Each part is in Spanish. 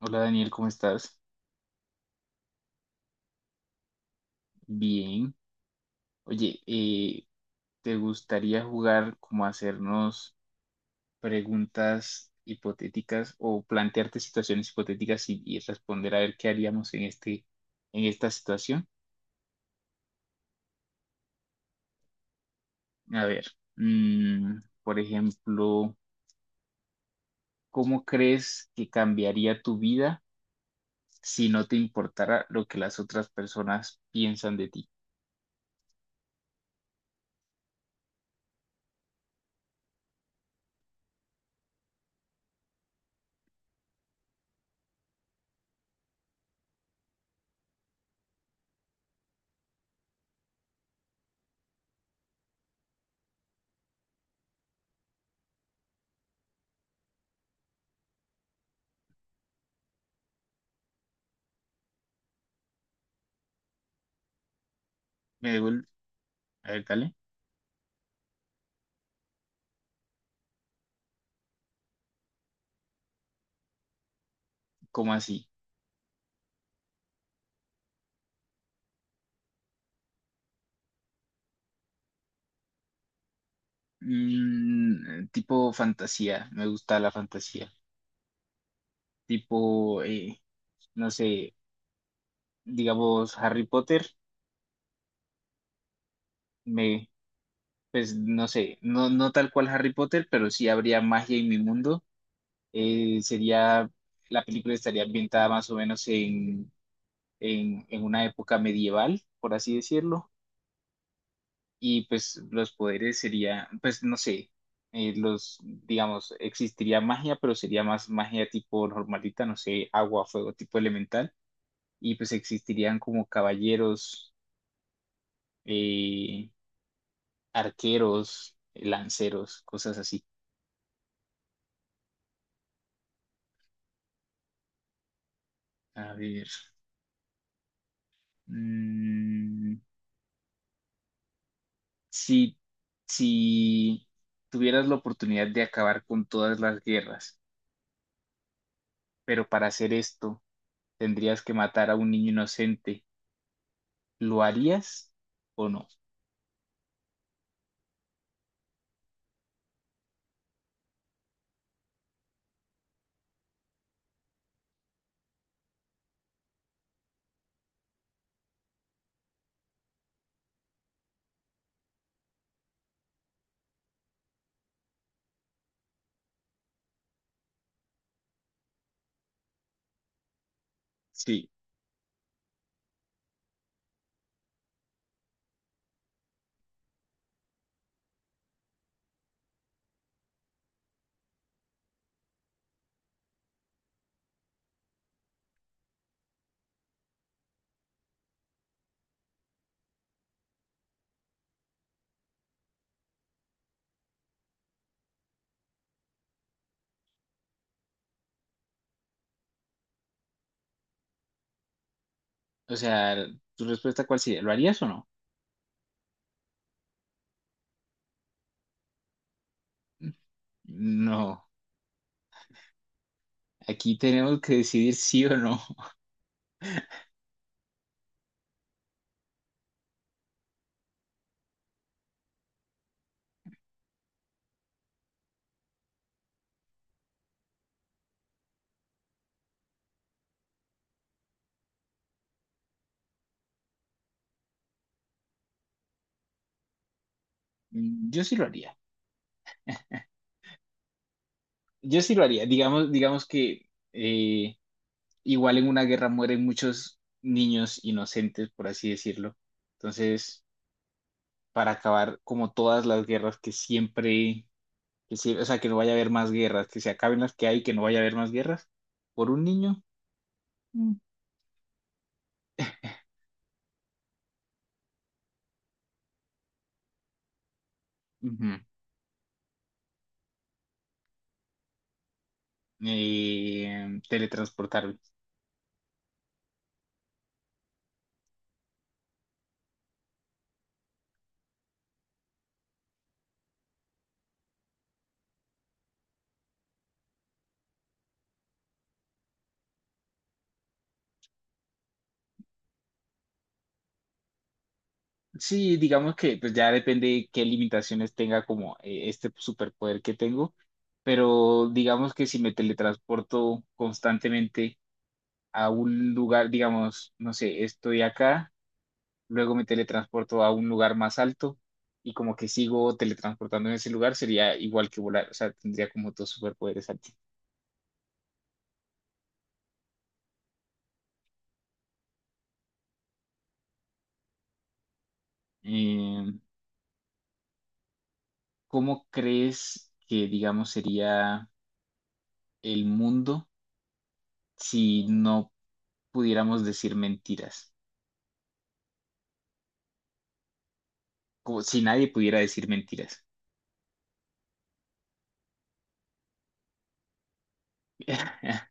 Hola Daniel, ¿cómo estás? Bien. Oye, ¿te gustaría jugar como a hacernos preguntas hipotéticas o plantearte situaciones hipotéticas y, responder a ver qué haríamos en en esta situación? A ver, mm, por ejemplo, ¿cómo crees que cambiaría tu vida si no te importara lo que las otras personas piensan de ti? Me devuelvo, a ver, dale. ¿Cómo así? Mm, tipo fantasía, me gusta la fantasía. Tipo, no sé, digamos Harry Potter, me, pues no sé, no tal cual Harry Potter, pero sí habría magia en mi mundo. Eh, sería, la película estaría ambientada más o menos en una época medieval, por así decirlo. Y pues los poderes sería, pues no sé, digamos, existiría magia, pero sería más magia tipo normalita, no sé, agua, fuego, tipo elemental, y pues existirían como caballeros, eh, arqueros, lanceros, cosas así. A ver, mm, si, si tuvieras la oportunidad de acabar con todas las guerras, pero para hacer esto tendrías que matar a un niño inocente. ¿Lo harías o no? Sí. O sea, ¿tu respuesta cuál sería? ¿Lo harías o no? No. Aquí tenemos que decidir sí o no. Mm, yo sí lo haría. Yo sí lo haría. Digamos, digamos que igual en una guerra mueren muchos niños inocentes, por así decirlo. Entonces, para acabar como todas las guerras que o sea, que no vaya a haber más guerras, que se acaben las que hay, que no vaya a haber más guerras, por un niño. Mm. Ujú. Eh, teletransportarme. Sí, digamos que pues ya depende qué limitaciones tenga como este superpoder que tengo, pero digamos que si me teletransporto constantemente a un lugar, digamos, no sé, estoy acá, luego me teletransporto a un lugar más alto y como que sigo teletransportando en ese lugar, sería igual que volar, o sea, tendría como dos superpoderes aquí. Eh, ¿Cómo crees que, digamos, sería el mundo si no pudiéramos decir mentiras, como si nadie pudiera decir mentiras?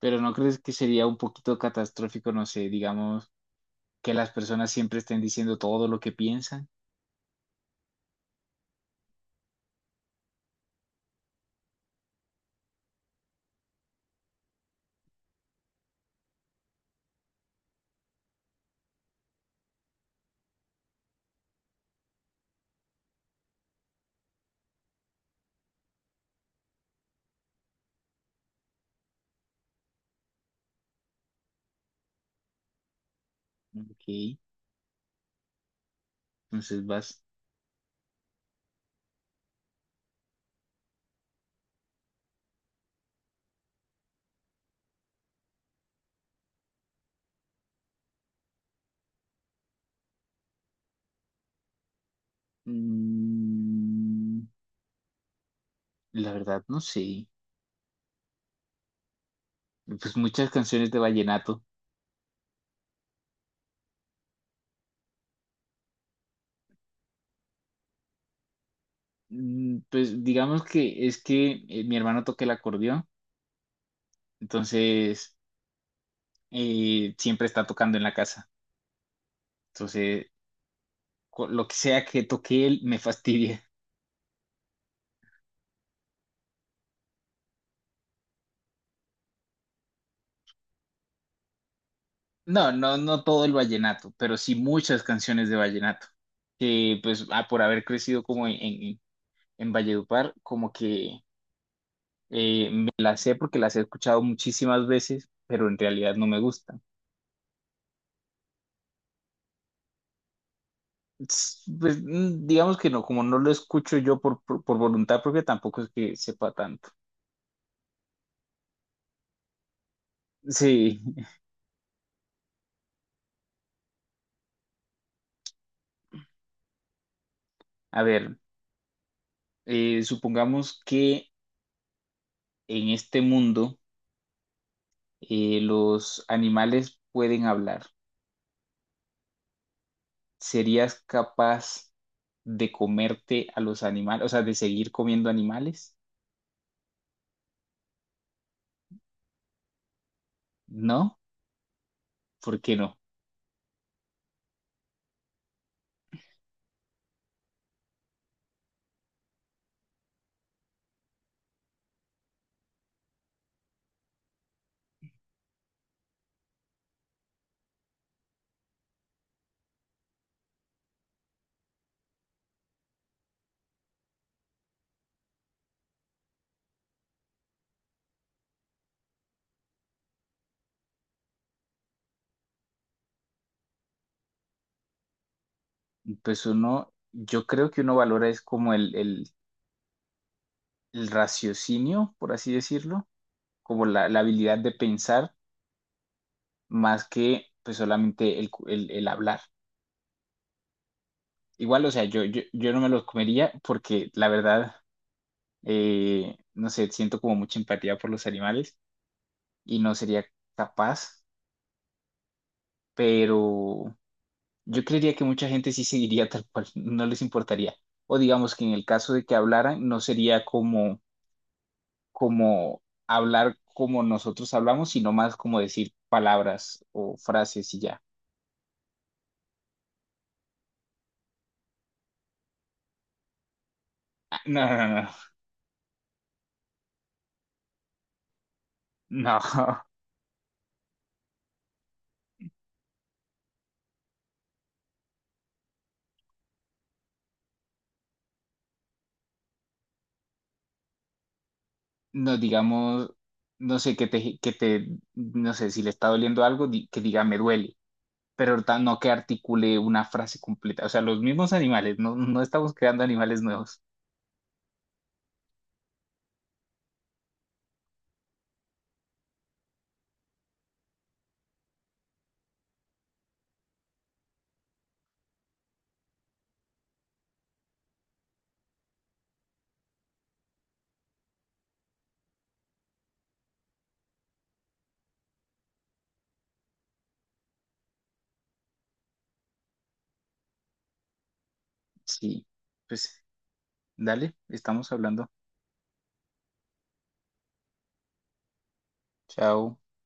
Pero ¿no crees que sería un poquito catastrófico? No sé, digamos, ¿que las personas siempre estén diciendo todo lo que piensan? Ok, entonces vas. Mm, la verdad, no sé. Pues muchas canciones de vallenato. Mm, pues digamos que es que mi hermano toca el acordeón, entonces siempre está tocando en la casa. Entonces, lo que sea que toque él me fastidia. No, no, no todo el vallenato, pero sí muchas canciones de vallenato, que pues ah, por haber crecido como en Valledupar, como que me las sé porque las he escuchado muchísimas veces, pero en realidad no me gustan. Pues mm, digamos que no, como no lo escucho yo por voluntad propia, tampoco es que sepa tanto. Sí. A ver, supongamos que en este mundo los animales pueden hablar. ¿Serías capaz de comerte a los animales, o sea, de seguir comiendo animales? ¿No? ¿Por qué no? Pues uno, yo creo que uno valora es como el raciocinio, por así decirlo, como la habilidad de pensar más que pues solamente el hablar. Igual, o sea, yo no me los comería porque la verdad, no sé, siento como mucha empatía por los animales y no sería capaz, pero... Yo creería que mucha gente sí seguiría tal cual, no les importaría. O digamos que en el caso de que hablaran, no sería como, como hablar como nosotros hablamos, sino más como decir palabras o frases y ya. Ah, no, no, no, no, no, digamos, no sé, que te, no sé, si le está doliendo algo, que diga me duele, pero no que articule una frase completa. O sea, los mismos animales, no, no estamos creando animales nuevos. Sí, pues dale, estamos hablando. Chao.